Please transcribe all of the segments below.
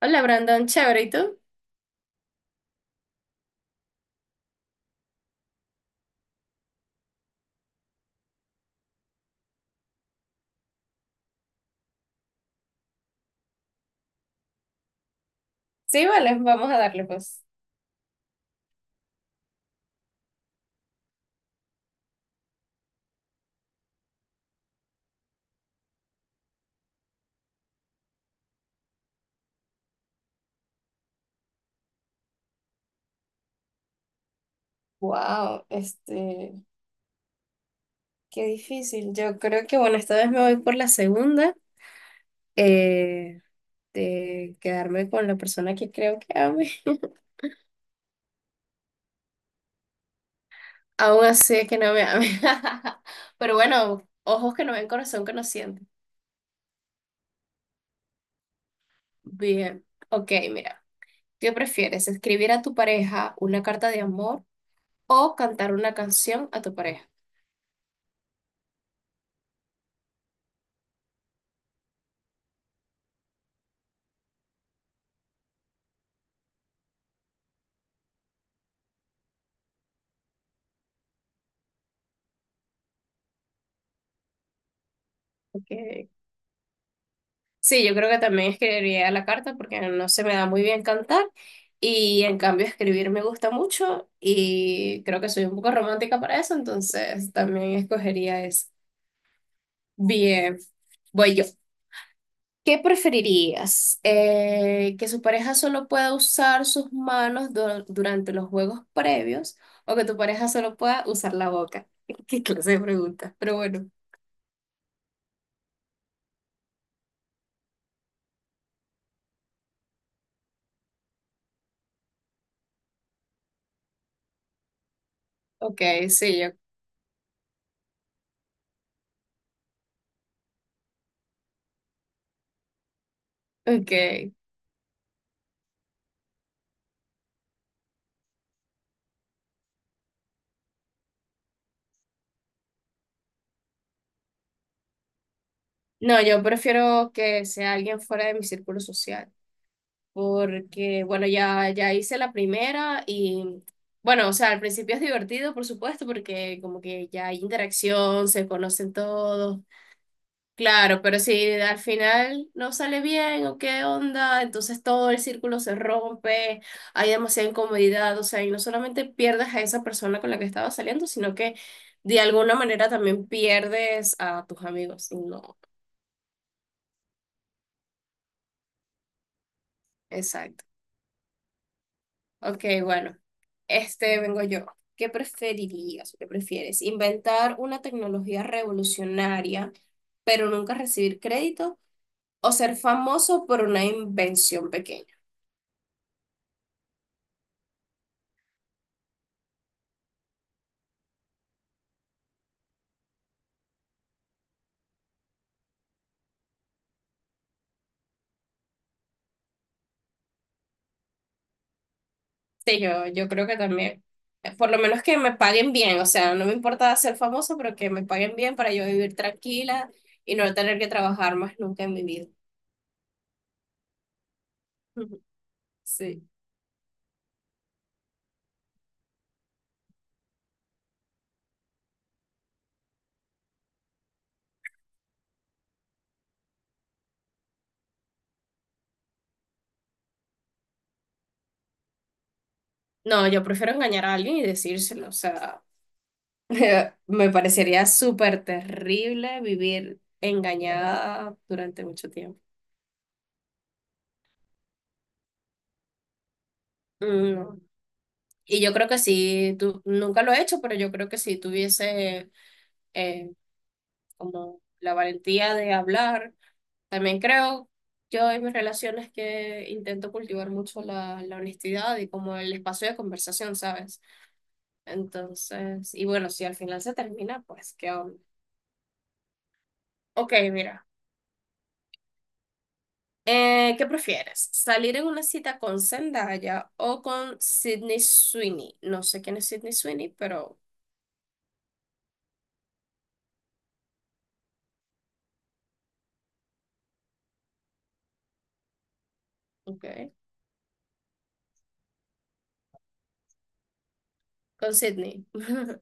Hola Brandon, chévere, ¿y tú? Sí, vale, vamos a darle pues. Wow, qué difícil. Yo creo que bueno, esta vez me voy por la segunda, eh, de quedarme con la persona que creo que ame. Aún así es que no me ame. Pero bueno, ojos que no ven, corazón que no siente. Bien, ok, mira, ¿qué prefieres? ¿Escribir a tu pareja una carta de amor o cantar una canción a tu pareja? Ok. Sí, yo creo que también escribiría la carta porque no se me da muy bien cantar y en cambio escribir me gusta mucho y creo que soy un poco romántica para eso, entonces también escogería eso. Bien, voy yo. ¿Qué preferirías? ¿Que su pareja solo pueda usar sus manos durante los juegos previos o que tu pareja solo pueda usar la boca? ¿Qué clase de pregunta? Pero bueno, ok, sí, yo, ok. No, yo prefiero que sea alguien fuera de mi círculo social, porque bueno, ya, ya hice la primera y bueno, o sea, al principio es divertido, por supuesto, porque como que ya hay interacción, se conocen todos, claro, pero si al final no sale bien o qué onda, entonces todo el círculo se rompe, hay demasiada incomodidad, o sea, y no solamente pierdes a esa persona con la que estabas saliendo, sino que de alguna manera también pierdes a tus amigos, y no, exacto. Ok, bueno, vengo yo. ¿Qué preferirías o qué prefieres? ¿Inventar una tecnología revolucionaria, pero nunca recibir crédito? ¿O ser famoso por una invención pequeña? Sí, yo creo que también. Por lo menos que me paguen bien, o sea, no me importa ser famoso, pero que me paguen bien para yo vivir tranquila y no tener que trabajar más nunca en mi vida. Sí. No, yo prefiero engañar a alguien y decírselo, o sea. Me parecería súper terrible vivir engañada durante mucho tiempo. Mm, Y yo creo que sí, tú, nunca lo he hecho, pero yo creo que si tuviese eh, como la valentía de hablar, también creo yo en mis relaciones que intento cultivar mucho la honestidad y como el espacio de conversación, ¿sabes? Entonces, y bueno, si al final se termina, pues qué onda. Ok, mira. ¿Qué prefieres? ¿Salir en una cita con Zendaya o con Sydney Sweeney? No sé quién es Sydney Sweeney, pero ok. Con Sydney.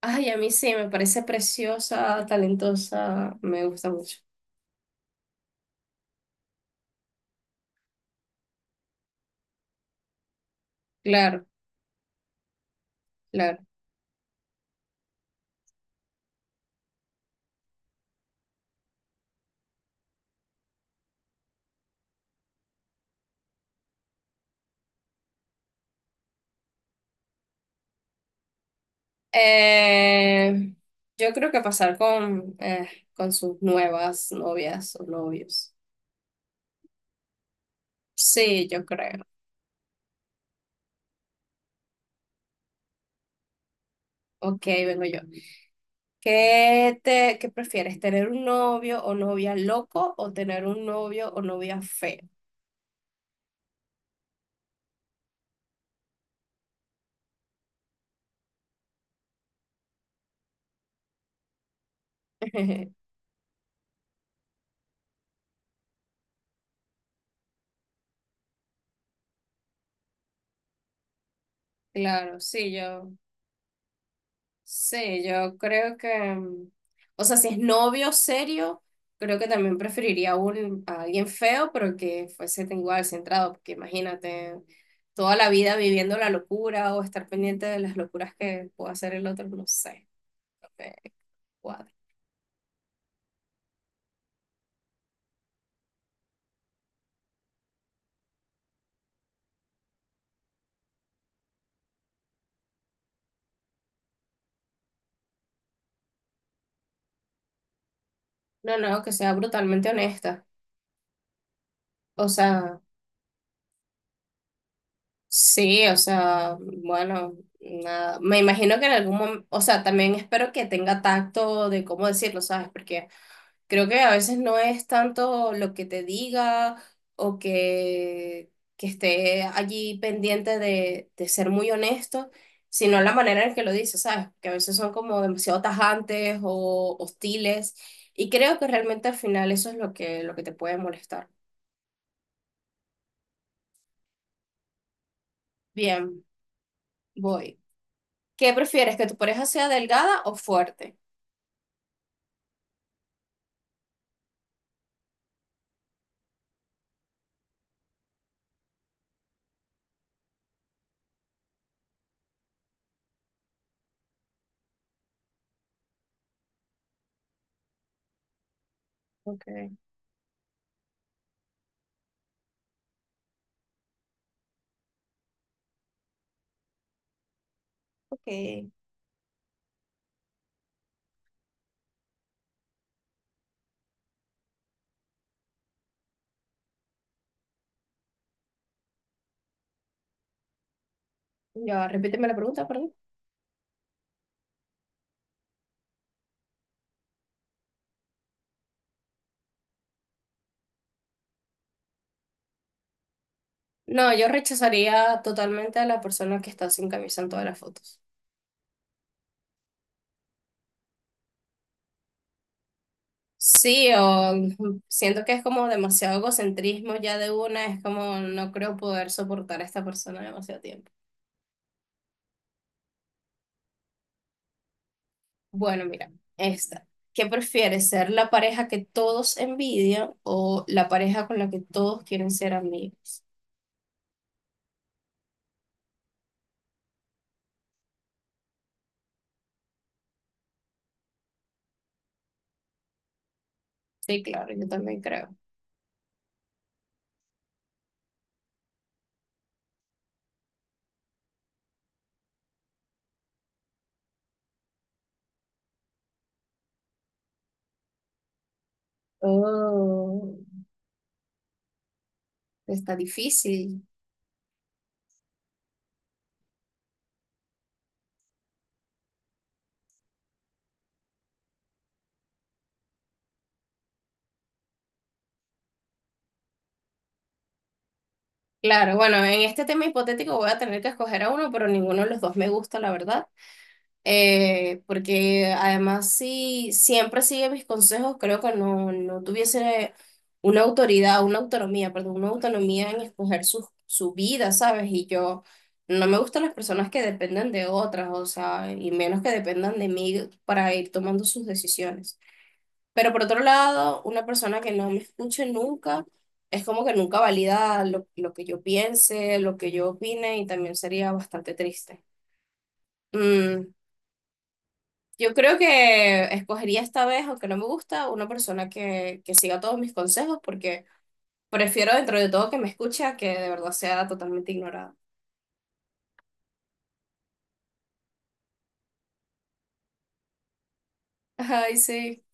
Ay, a mí sí, me parece preciosa, talentosa, me gusta mucho. Claro, claro. Eh, yo creo que pasar con sus nuevas novias o novios. Sí, yo creo. Ok, vengo yo. ¿Qué prefieres, tener un novio o novia loco o tener un novio o novia feo? Claro, sí, sí, yo creo que, o sea, si es novio serio, creo que también preferiría a alguien feo, pero que fuese tan igual centrado, porque imagínate toda la vida viviendo la locura o estar pendiente de las locuras que pueda hacer el otro, no sé. No me cuadra. No, no, que sea brutalmente honesta. O sea, sí, o sea, bueno, nada. Me imagino que en algún momento, o sea, también espero que tenga tacto de cómo decirlo, ¿sabes? Porque creo que a veces no es tanto lo que te diga o que esté allí pendiente de, ser muy honesto, sino la manera en que lo dices, ¿sabes? Que a veces son como demasiado tajantes o hostiles y creo que realmente al final eso es lo que te puede molestar. Bien, voy. ¿Qué prefieres, que tu pareja sea delgada o fuerte? Okay. Ok. Ya, repíteme la pregunta, perdón. No, yo rechazaría totalmente a la persona que está sin camisa en todas las fotos. Sí, o siento que es como demasiado egocentrismo ya de una, es como no creo poder soportar a esta persona demasiado tiempo. Bueno, mira, esta. ¿Qué prefieres, ser la pareja que todos envidian o la pareja con la que todos quieren ser amigos? Sí, claro, yo también creo. Oh, está difícil. Claro, bueno, en este tema hipotético voy a tener que escoger a uno, pero ninguno de los dos me gusta, la verdad. Porque además, si siempre sigue mis consejos, creo que no, no tuviese una autoridad, una autonomía, perdón, una autonomía en escoger su vida, ¿sabes? Y yo no me gustan las personas que dependen de otras, o sea, y menos que dependan de mí para ir tomando sus decisiones. Pero por otro lado, una persona que no me escuche nunca es como que nunca valida lo que yo piense, lo que yo opine y también sería bastante triste. Mm, yo creo que escogería esta vez, aunque no me gusta, una persona que siga todos mis consejos porque prefiero dentro de todo que me escuche a que de verdad sea totalmente ignorada. Ay, sí.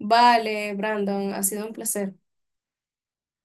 Vale, Brandon, ha sido un placer.